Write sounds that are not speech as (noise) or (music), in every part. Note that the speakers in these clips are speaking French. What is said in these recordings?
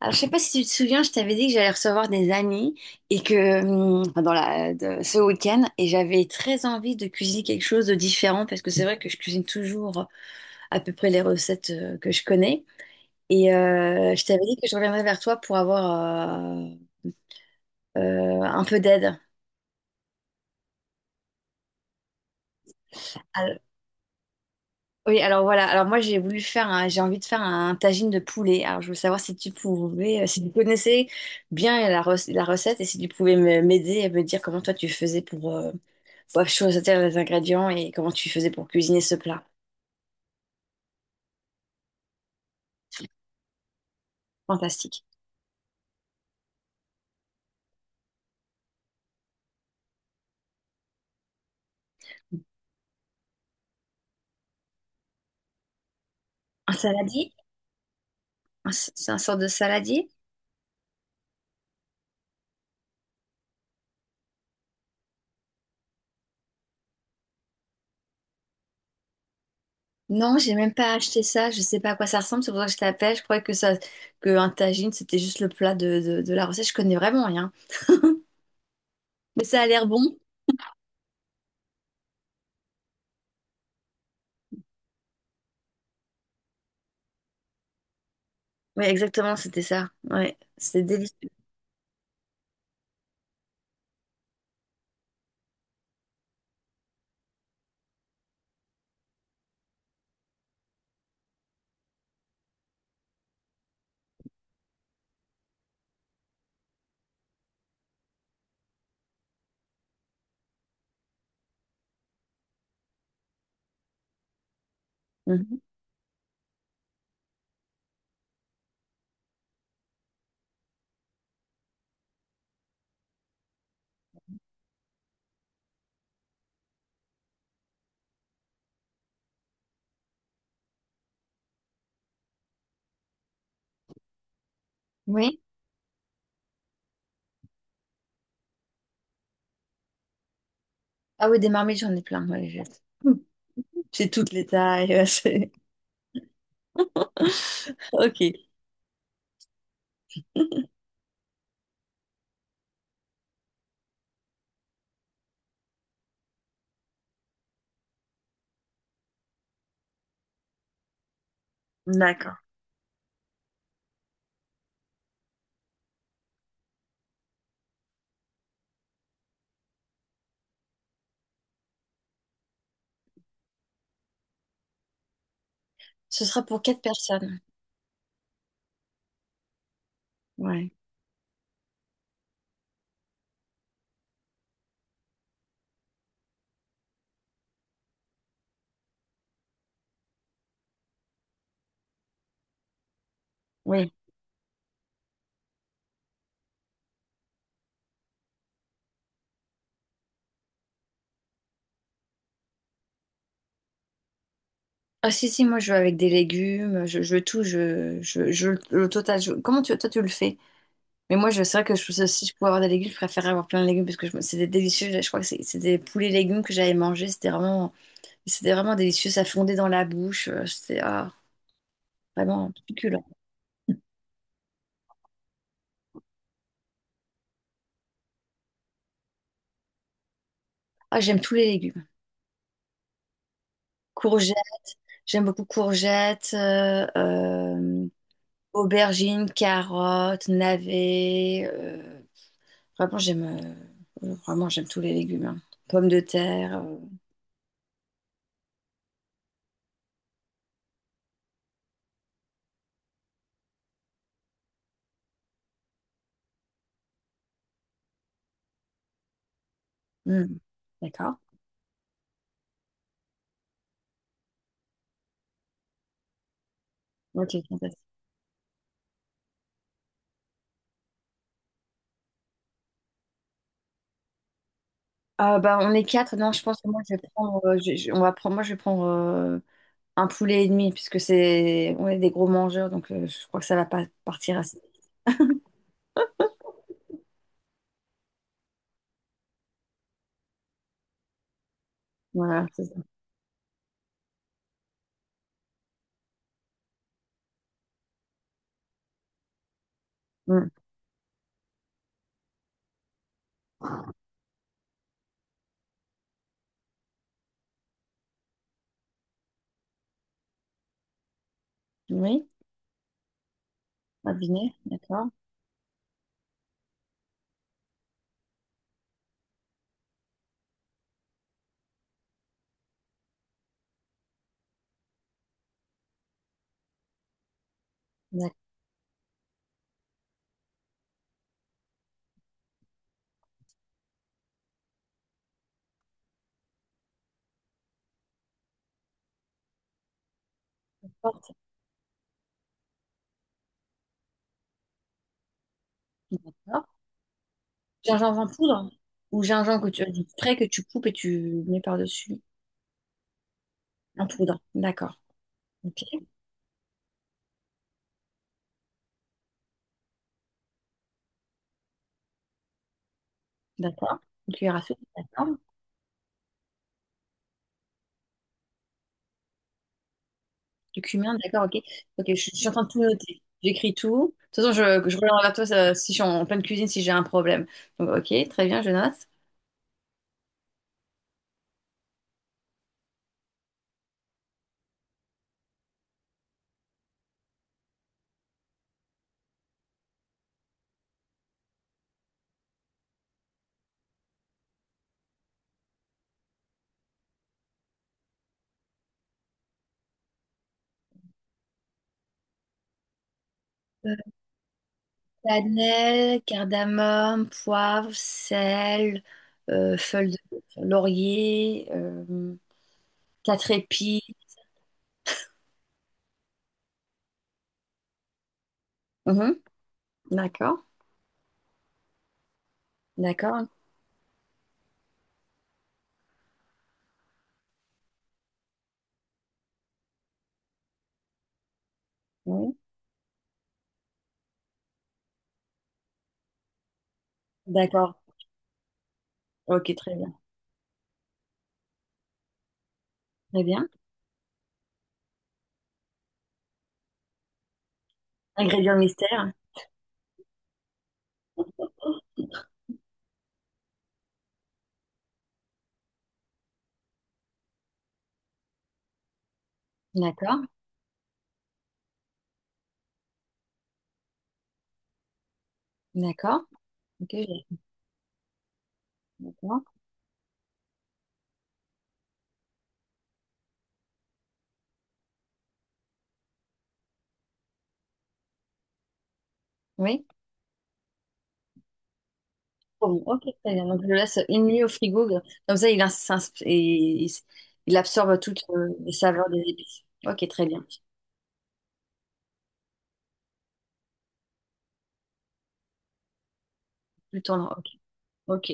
Alors, je sais pas si tu te souviens, je t'avais dit que j'allais recevoir des amis et que dans ce week-end et j'avais très envie de cuisiner quelque chose de différent parce que c'est vrai que je cuisine toujours à peu près les recettes que je connais et je t'avais dit que je reviendrais vers toi pour avoir un peu d'aide. Alors- oui, alors voilà. Alors moi j'ai voulu j'ai envie de faire un tagine de poulet. Alors je veux savoir si tu pouvais, si tu connaissais bien la recette et si tu pouvais m'aider et me dire comment toi tu faisais pour je sauter les ingrédients et comment tu faisais pour cuisiner ce plat. Fantastique. Un saladier? C'est un sort de saladier? Non, j'ai même pas acheté ça. Je sais pas à quoi ça ressemble. C'est pour ça que je t'appelle. Je croyais que ça, que un tagine, c'était juste le plat de la recette. Je connais vraiment rien. Mais ça a l'air bon. Oui, exactement, c'était ça. Ouais, c'est délicieux. Mhm. Oui. Ah oui, des marmites, j'en ai plein, moi, les jette. (laughs) Hmm. J'ai toutes les tailles. Ouais, (laughs) Ok, d'accord. Ce sera pour 4 personnes. Ouais, oui. Ah si, si, moi je veux avec des légumes, je veux tout, le total. Comment tu, toi tu le fais? Mais c'est vrai que je pense si je pouvais avoir des légumes, je préférerais avoir plein de légumes parce que c'était délicieux. Je crois que c'était des poulets légumes que j'avais mangé. C'était vraiment délicieux. Ça fondait dans la bouche. C'était vraiment succulent. Ah, j'aime tous les légumes. J'aime beaucoup courgettes, aubergines, carottes, navets. Vraiment, j'aime vraiment, j'aime tous les légumes, hein. Pommes de terre. euh, hmm. D'accord. Ok, fantastique. Ah, bah, on est 4. Non, je pense que moi, je vais prendre, on va prendre, moi, je vais prendre un poulet et demi, puisque c'est, on est des gros mangeurs, donc je crois que ça va pas partir assez vite. Voilà, c'est ça. Hmm. Oui, un dîner, d'accord. D'accord. D'accord. Gingembre en poudre? Ou gingembre que tu as frais que tu coupes et tu mets par-dessus? En poudre, d'accord. Ok, d'accord. Une cuillère à soupe, d'accord. Du cumin, d'accord, ok. Ok, je suis en train de tout noter. J'écris tout. De toute façon, je reviens vers toi ça, si je suis en pleine cuisine, si j'ai un problème. Donc, ok, très bien, je note. Euh, Cannelle, cardamome, poivre, sel, feuille de laurier, quatre épis. Mhm. D'accord, d'accord. Oui. D'accord. Ok, très bien. Très bien. Ingrédient mystère. D'accord. D'accord. Ok, d'accord. Oui. Bon. Ok, très bien. Donc, je le laisse 1 nuit au frigo. Comme ça, il, ins- s'ins- et il, s- il absorbe toutes les saveurs des épices. Ok, très bien. Tout le temps. Ok. Ok.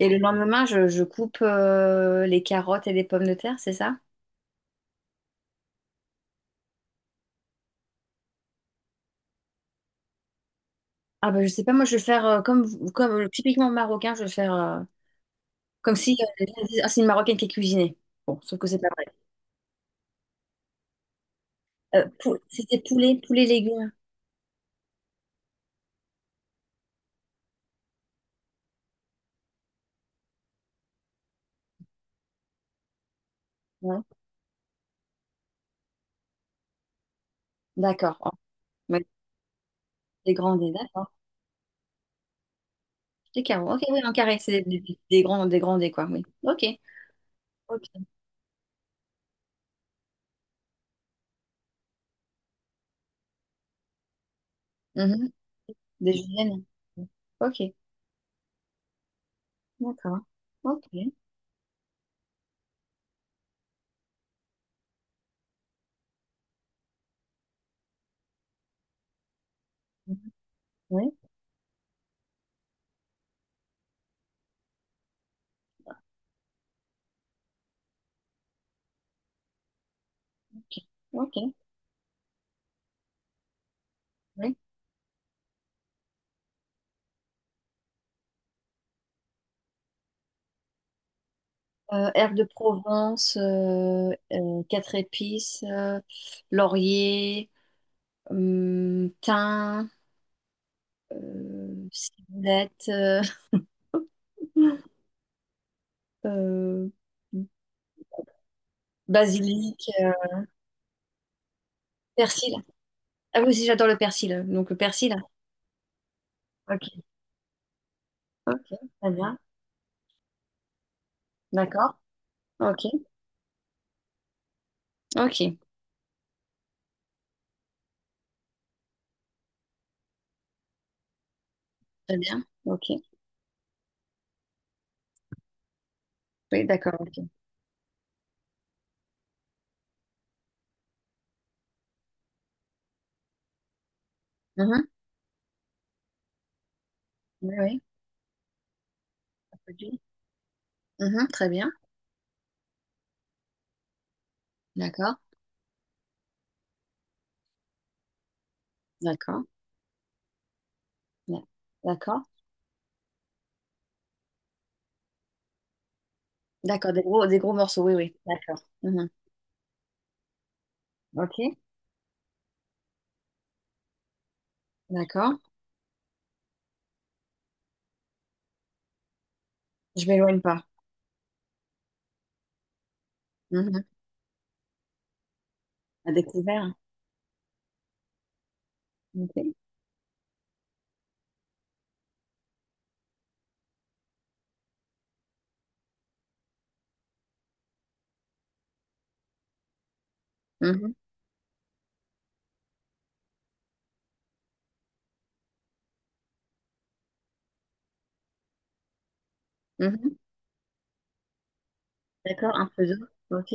Et le lendemain, je coupe les carottes et les pommes de terre, c'est ça? Ah, bah, je sais pas. Moi, je vais le faire comme typiquement marocain. Je vais le faire comme si les gens disaient, ah, c'est une marocaine qui est cuisinée. Bon, sauf que c'est pas vrai. C'était poulet, poulet légumes. Ouais. D'accord. Oh. Des grands dés, d'accord. Des carreaux. Ok, oui, en carré, c'est des grands, des grandés, quoi, oui. Ok. Ok. Mhm. Des juliennes. Ok, d'accord. Ok. Mhm. Oui. Ok. Ok. Oui. Herbes de Provence, quatre épices, laurier, thym, ciboulette, (laughs) euh, basilic, persil. Ah oui, aussi, j'adore le persil. Donc, le persil. Ok. Ok, très bien. D'accord. Ok, ok, très bien. Ok, oui, d'accord, ok. Mhm. Oui, oui, un produit. Mhm, très bien, d'accord, d'accord, d'ac- d'accord, d'accord, des gros morceaux, oui, oui, d'accord. Mhm. Ok, d'accord, je m'éloigne pas. Mhm. À découvert, ok. Mhm, mhm. D'accord, un peu d'eau, ok.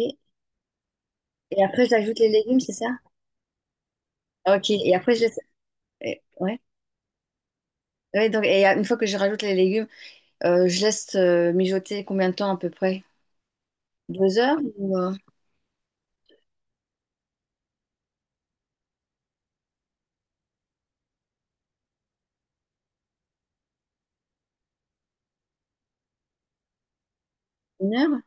Et après, j'ajoute les légumes, c'est ça? Ok, et après, je laisse. Ouais. Ouais, donc, et une fois que je rajoute les légumes, je laisse mijoter combien de temps à peu près? 2 heures ou 1 heure?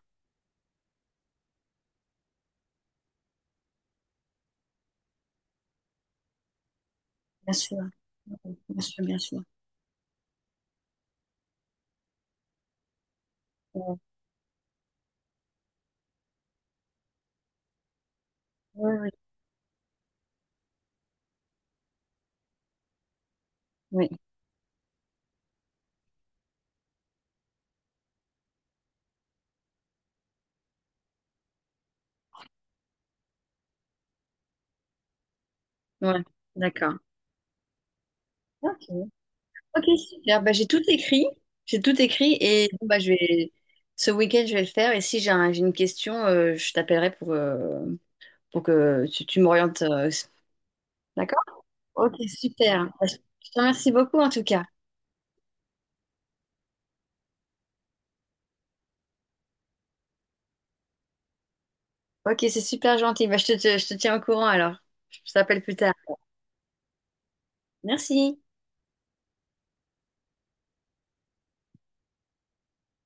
Bien sûr. Bien sûr, bien sûr. Ouais. Oui, oui, oui. Ouais, d'accord. Ok. Ok, super. Bah, j'ai tout écrit. J'ai tout écrit et bon, bah, je vais... ce week-end, je vais le faire. Et si j'ai j'ai une question, je t'appellerai pour que tu m'orientes. D'accord? Ok, super. Bah, je te remercie beaucoup en tout cas. Ok, c'est super gentil. Bah, je te tiens au courant alors. Je t'appelle plus tard. Merci.